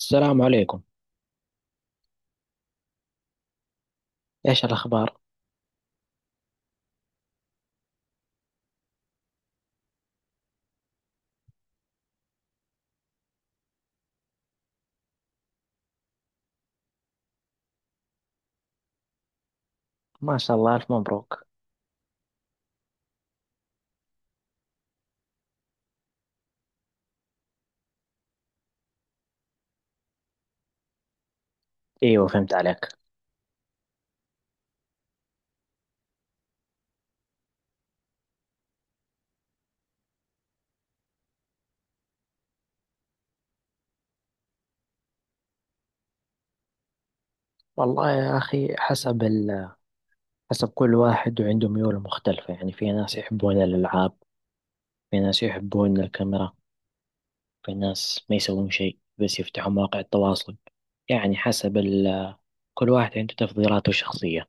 السلام عليكم. ايش الاخبار؟ ما شاء الله، الف مبروك. ايوه، فهمت عليك. والله يا اخي، حسب حسب كل واحد، وعنده ميول مختلفة. يعني في ناس يحبون الالعاب، في ناس يحبون الكاميرا، في ناس ما يسوون شيء بس يفتحوا مواقع التواصل. يعني حسب كل واحد عنده تفضيلاته الشخصية.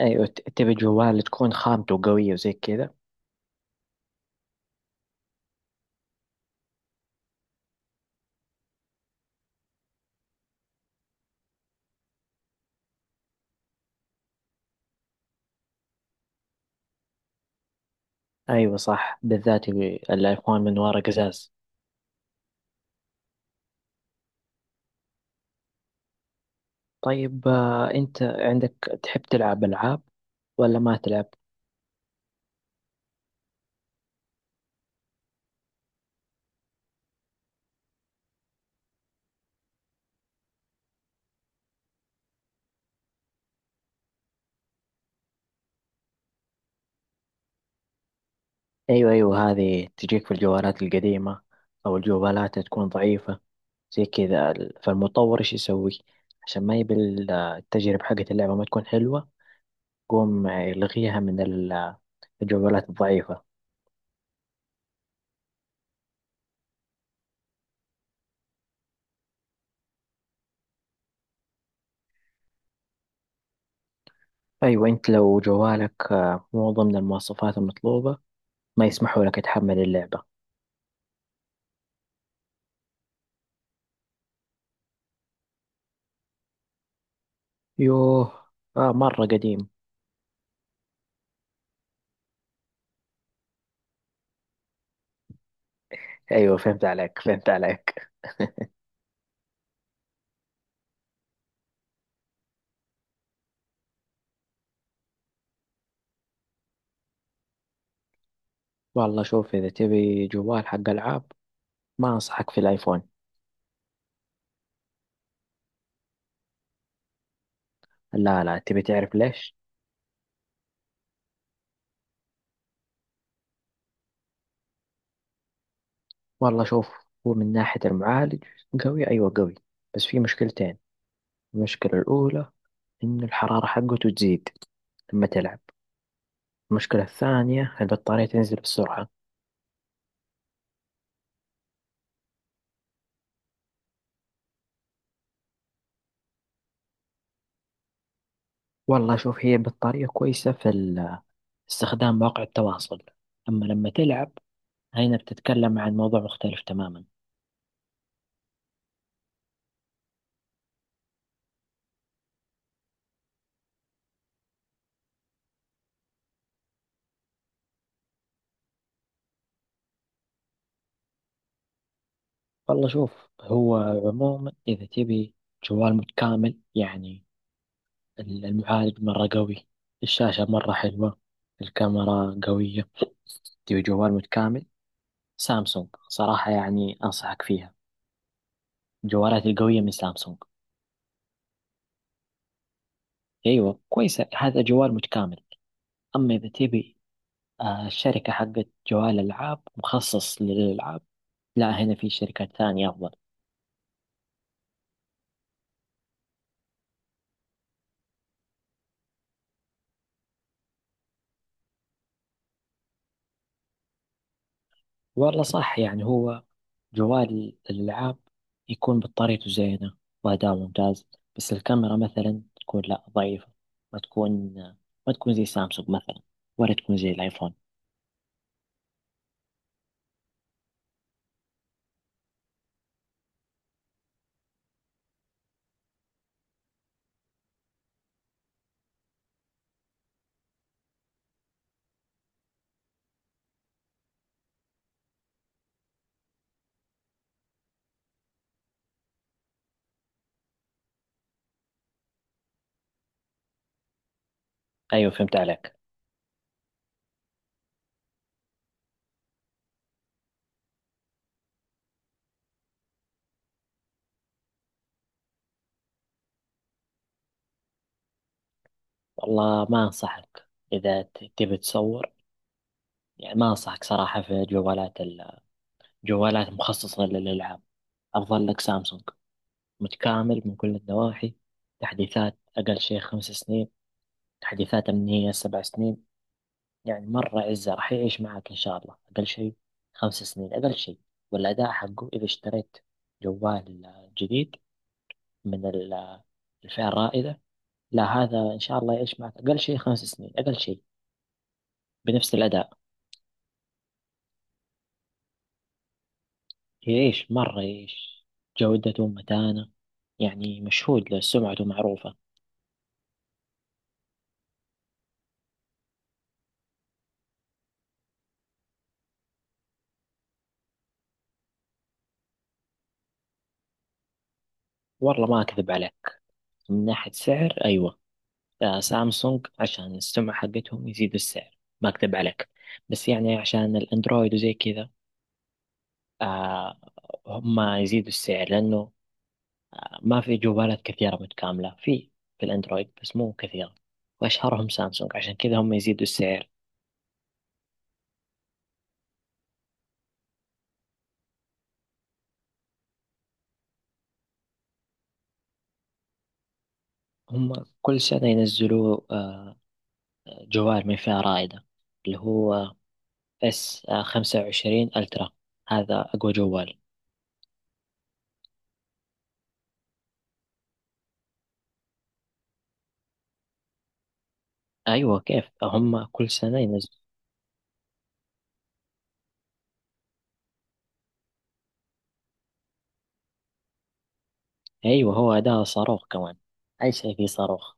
ايوه، تبي جوال تكون خامته قوية وزي كذا. ايوه صح، بالذات يبي الايفون من ورا قزاز. طيب، انت عندك تحب تلعب العاب ولا ما تلعب؟ ايوه ايوه، هذه تجيك في الجوالات القديمة، او الجوالات تكون ضعيفة زي كذا. فالمطور ايش يسوي؟ عشان ما يبي التجربة حقت اللعبة ما تكون حلوة، يقوم يلغيها من الجوالات الضعيفة. ايوه، انت لو جوالك مو ضمن المواصفات المطلوبة، ما يسمحوا لك تحمل اللعبة. يوه، آه مرة قديم. ايوه فهمت عليك، فهمت عليك. والله شوف، اذا تبي جوال حق العاب ما انصحك في الايفون. لا لا، تبي تعرف ليش؟ والله شوف، هو من ناحية المعالج قوي، أيوة قوي، بس في مشكلتين. المشكلة الأولى إن الحرارة حقته تزيد لما تلعب. المشكلة الثانية البطارية تنزل بسرعة. والله شوف، هي البطارية كويسة في استخدام مواقع التواصل، أما لما تلعب هنا بتتكلم عن موضوع مختلف تماما. والله شوف، هو عموما إذا تبي جوال متكامل، يعني المعالج مرة قوي، الشاشة مرة حلوة، الكاميرا قوية، تبي جوال متكامل، سامسونج صراحة يعني أنصحك فيها، الجوالات القوية من سامسونج. أيوة كويسة، هذا جوال متكامل. أما إذا تبي الشركة حقت جوال ألعاب مخصص للألعاب، لا هنا في شركات ثانية أفضل. والله صح، يعني هو جوال الألعاب يكون بطاريته زينة وأداء ممتاز، بس الكاميرا مثلا تكون لا ضعيفة، ما تكون ما تكون زي سامسونج مثلا، ولا تكون زي الآيفون. أيوة فهمت عليك. والله ما أنصحك، إذا تبي تصور يعني ما أنصحك صراحة في جوالات جوالات مخصصة للألعاب، أفضل لك سامسونج متكامل من كل النواحي. تحديثات أقل شيء 5 سنين، تحديثات أمنية 7 سنين، يعني مرة عزة راح يعيش معك إن شاء الله أقل شيء 5 سنين، أقل شيء. والأداء حقه إذا اشتريت جوال جديد من الفئة الرائدة، لا هذا إن شاء الله يعيش معك أقل شيء 5 سنين، أقل شيء بنفس الأداء. يعيش مرة، يعيش. جودته متانة، يعني مشهود له، سمعته معروفة. والله ما أكذب عليك، من ناحية سعر أيوة، سامسونج عشان السمعة حقتهم يزيدوا السعر، ما أكذب عليك. بس يعني عشان الأندرويد وزي كذا، آه هم يزيدوا السعر، لأنه ما في جوالات كثيرة متكاملة في الأندرويد، بس مو كثيرة، وأشهرهم سامسونج، عشان كذا هم يزيدوا السعر. هم كل سنة ينزلوا جوال من فئة رائدة، اللي هو S25 ألترا، هذا أقوى جوال. أيوة، كيف، هم كل سنة ينزلوا. أيوة، هو ده صاروخ كمان، أي شيء فيه صاروخ.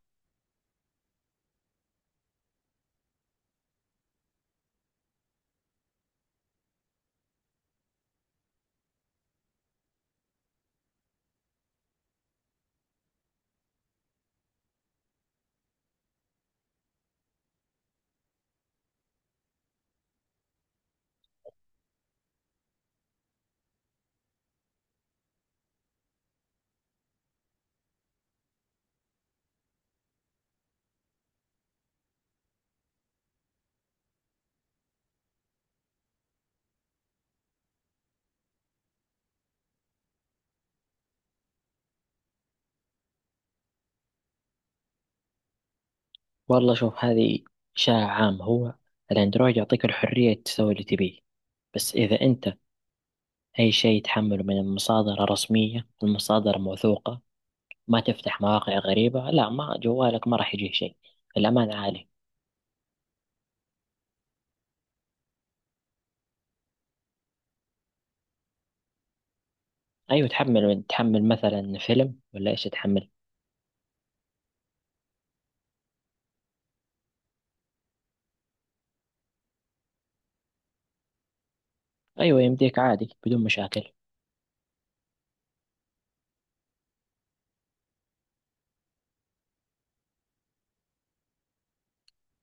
والله شوف، هذه إشاعة عامة. هو الأندرويد يعطيك الحرية تسوي اللي تبيه، بس إذا أنت أي شيء يتحمله من مصادر رسمية، المصادر موثوقة، ما تفتح مواقع غريبة، لا، ما جوالك ما راح يجيه شيء، الأمان عالي. أيوة تحمل، من تحمل مثلا فيلم ولا إيش تحمل؟ أيوة يمديك عادي بدون مشاكل.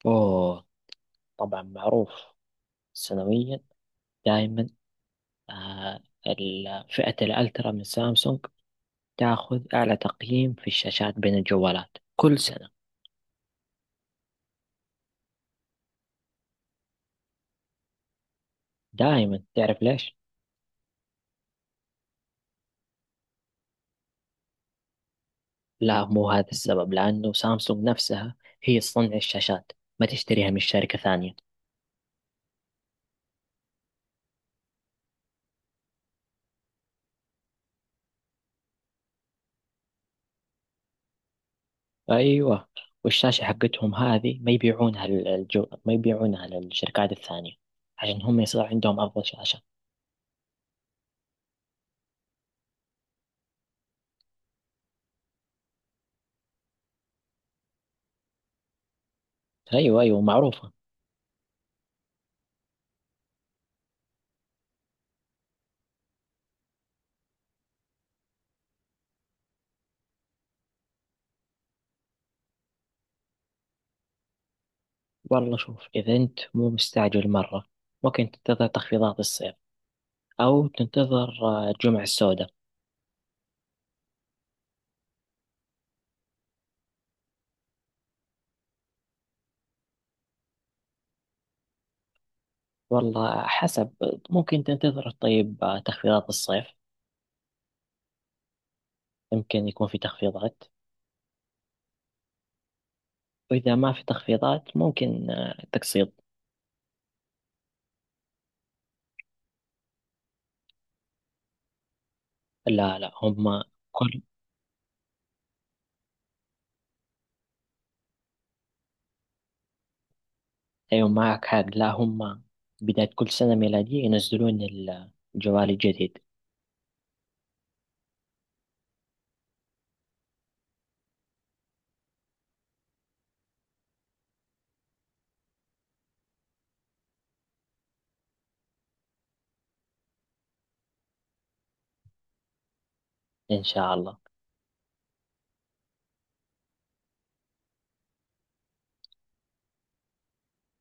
أوه طبعا معروف، سنويا دائما، آه فئة الألترا من سامسونج تاخذ أعلى تقييم في الشاشات بين الجوالات كل سنة. دائما، تعرف ليش؟ لا، مو هذا السبب، لأنه سامسونج نفسها هي تصنع الشاشات، ما تشتريها من شركة ثانية. أيوة، والشاشة حقتهم هذه ما يبيعونها ما يبيعونها للشركات الثانية، عشان هم يصير عندهم أفضل شاشة. أيوة أيوة معروفة. والله شوف، إذا أنت مو مستعجل مرة، ممكن تنتظر تخفيضات الصيف، أو تنتظر الجمعة السوداء. والله حسب، ممكن تنتظر، طيب تخفيضات الصيف يمكن يكون في تخفيضات، وإذا ما في تخفيضات ممكن تقسيط. لا لا، هم كل أيوة معك حق، لا هم بداية كل سنة ميلادية ينزلون الجوال الجديد، إن شاء الله.